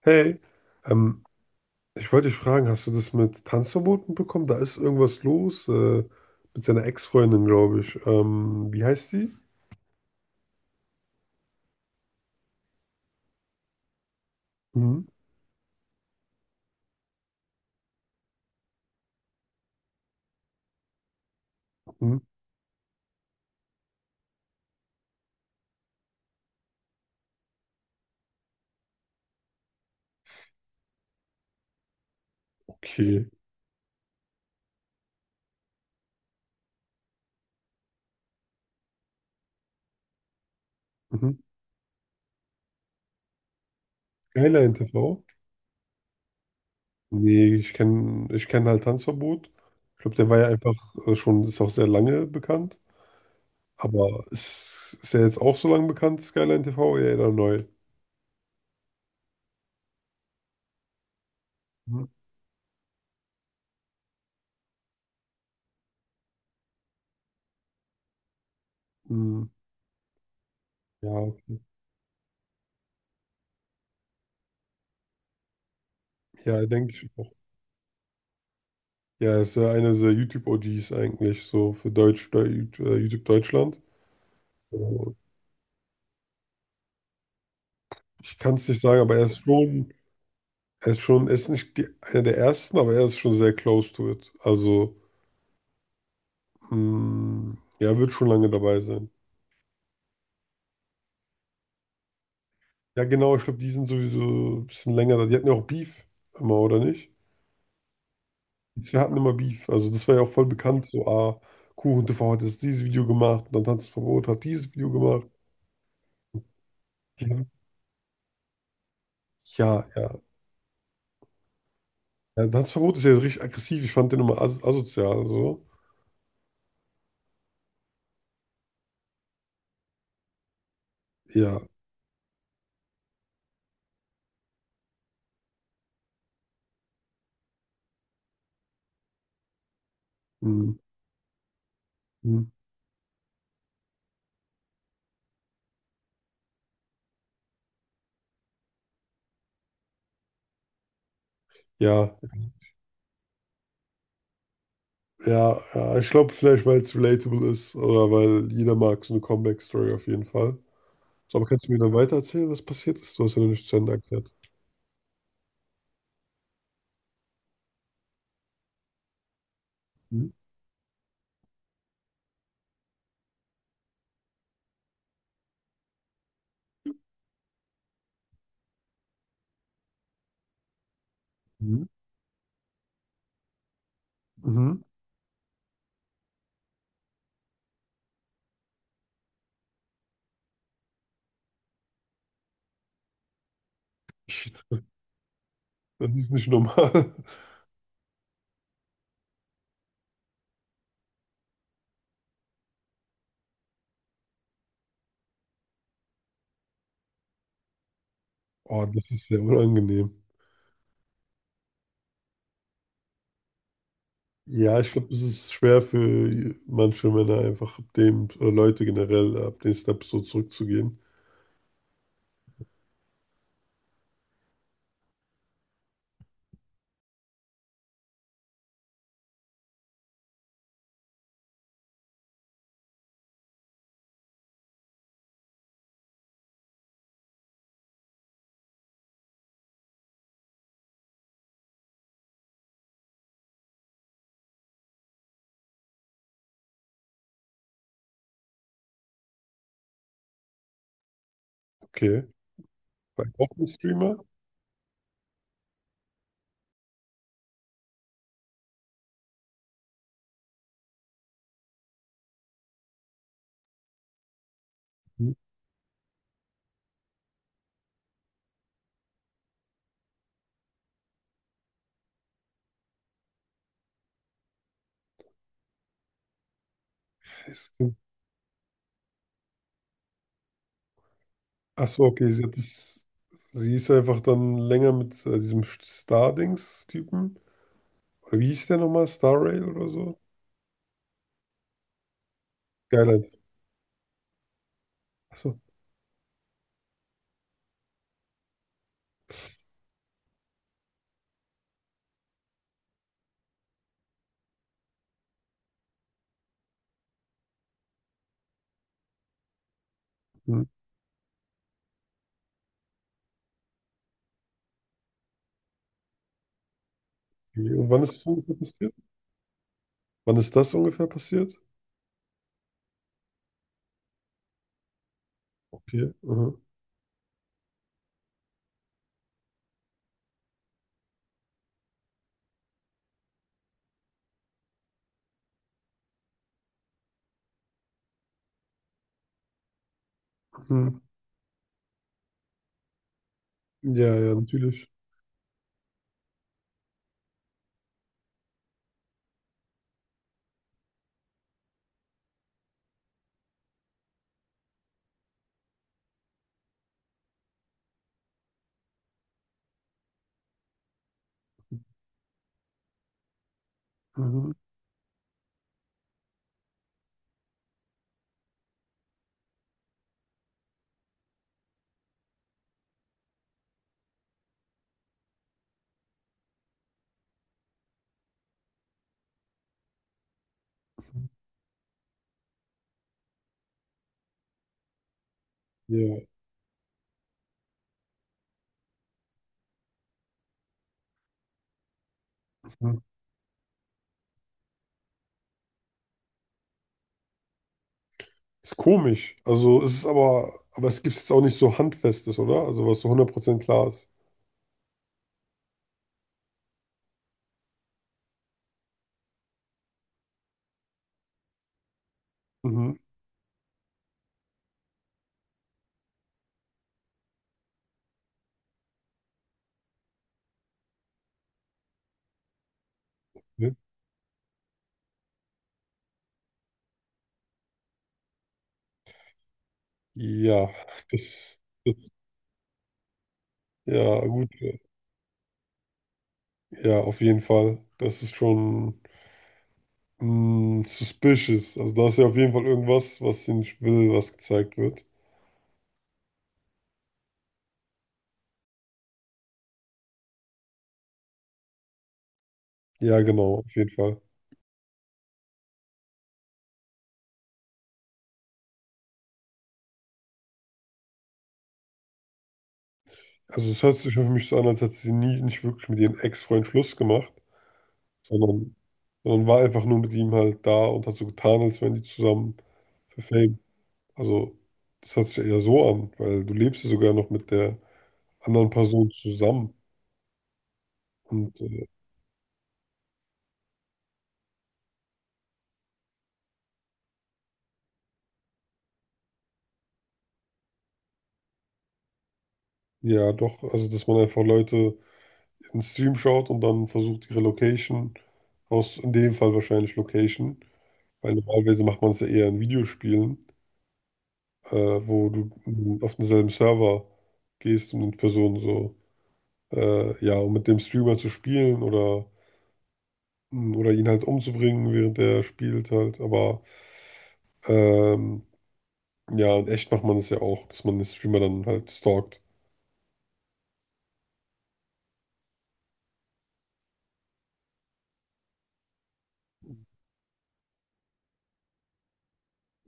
Hey, ähm, ich wollte dich fragen, hast du das mit Tanzverboten bekommen? Da ist irgendwas los, mit seiner Ex-Freundin, glaube ich. Wie heißt sie? Mhm. Mhm. Okay. Mhm. Skyline TV? Nee, ich kenn halt Tanzverbot. Ich glaube, der war ja einfach schon, ist auch sehr lange bekannt. Aber ist er jetzt auch so lange bekannt, Skyline TV? Ja, oder neu? Mhm. Mhm. Ja, okay. Ja, denke ich auch. Ja, ist ja einer der YouTube-OGs eigentlich, so für Deutsch, YouTube Deutschland. So, ich kann es nicht sagen, aber er ist schon, er ist nicht die, einer der ersten, aber er ist schon sehr close to it. Also, ja, wird schon lange dabei sein. Ja, genau, ich glaube, die sind sowieso ein bisschen länger da. Die hatten ja auch Beef immer, oder nicht? Die zwei hatten immer Beef. Also, das war ja auch voll bekannt, so, Kuchen, KuchenTV hat jetzt dieses Video gemacht und dann Tanzverbot hat dieses Video gemacht. Die haben, ja, ja. Ja, Tanzverbot ist ja richtig aggressiv. Ich fand den immer as asozial. So. Ja. Hm, hm. Ja, ja, ja. Ich glaube, vielleicht, weil es relatable ist oder weil jeder mag so eine Comeback-Story auf jeden Fall. So, aber kannst du mir dann weitererzählen, was passiert ist? Du hast ja noch nicht zu Ende erklärt. Mhm. Mhm. Mhm. Shit. Das ist nicht normal. Oh, das ist sehr unangenehm. Ja, ich glaube, es ist schwer für manche Männer einfach ab dem, oder Leute generell, ab den Steps so zurückzugehen. Okay. Bei auch ein Streamer? Mhm. Ach so, okay, sie hat das, sie ist einfach dann länger mit diesem Star-Dings-Typen. Oder wie hieß der nochmal? Star Rail oder so? Skyline. Ach so. Hm. Okay. Und wann ist das ungefähr passiert? Wann ist das ungefähr passiert? Okay, aha. Hm. Ja, ja, natürlich. Mhm. Ja. Hm. Ist komisch. Also es ist aber es gibt jetzt auch nicht so Handfestes, oder? Also was so 100% klar ist. Mhm. Ja, ja, das, das, ja, gut. Ja, auf jeden Fall. Das ist schon. Mm, suspicious. Also da ist ja auf jeden Fall irgendwas, was sie nicht will, was gezeigt wird. Ja, genau, auf jeden Fall. Also es hört sich für mich so an, als hätte sie nie nicht wirklich mit ihrem Ex-Freund Schluss gemacht, sondern, sondern war einfach nur mit ihm halt da und hat so getan, als wären die zusammen für Fame. Also das hört sich eher so an, weil du lebst ja sogar noch mit der anderen Person zusammen. Und ja, doch, also dass man einfach Leute in den Stream schaut und dann versucht, ihre Location, aus in dem Fall wahrscheinlich Location. Weil normalerweise macht man es ja eher in Videospielen, wo du auf denselben Server gehst und mit Personen so, ja, um mit dem Streamer zu spielen oder, oder ihn halt umzubringen, während er spielt halt. Aber ähm, ja, in echt macht man es ja auch, dass man den Streamer dann halt stalkt.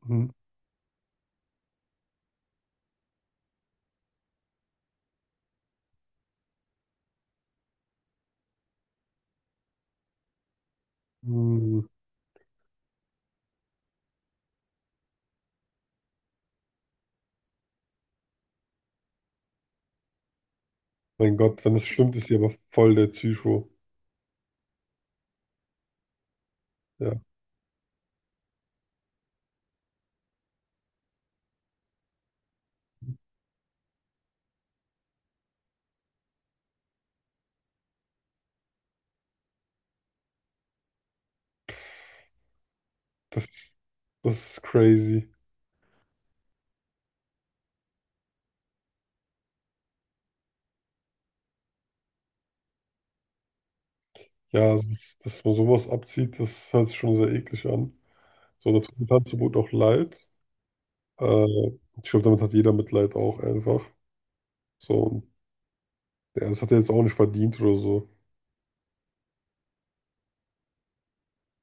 Mhm. Mm, mein Gott, wenn das stimmt, ist sie aber voll der Psycho. Ja, das ist, das ist crazy. Ja, das, ist- dass man sowas abzieht, das hört sich schon sehr eklig an. So, da tut mir Tanzverbot auch leid. Äh, Ich glaube, damit hat jeder Mitleid auch einfach. So, und ja, das hat er jetzt auch nicht verdient oder so.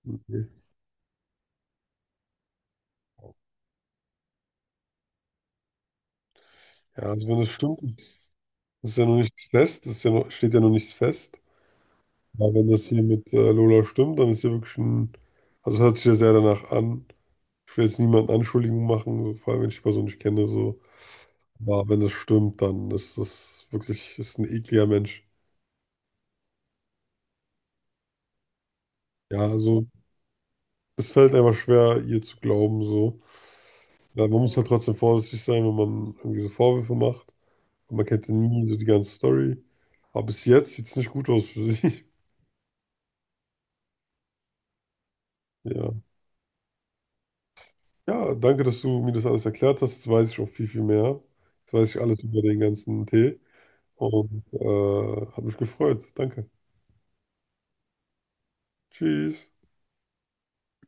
Nee. Ja, also wenn das stimmt, ist ja noch nichts fest, ist ja noch, steht ja noch nichts fest. Aber wenn das hier mit Lola stimmt, dann ist ja wirklich ein, also es hört sich ja sehr danach an. Ich will jetzt niemanden Anschuldigungen machen, so, vor allem wenn ich die Person nicht kenne, so. Aber wenn das stimmt, dann ist das wirklich, ist ein ekliger Mensch. Ja, also es fällt einfach schwer, ihr zu glauben, so. Ja, man muss halt trotzdem vorsichtig sein, wenn man irgendwie so Vorwürfe macht. Und man kennt ja nie so die ganze Story. Aber bis jetzt sieht es nicht gut aus für sie. Ja. Ja, danke, dass du mir das alles erklärt hast. Jetzt weiß ich auch viel, viel mehr. Jetzt weiß ich alles über den ganzen Tee. Und hat mich gefreut. Danke. Tschüss.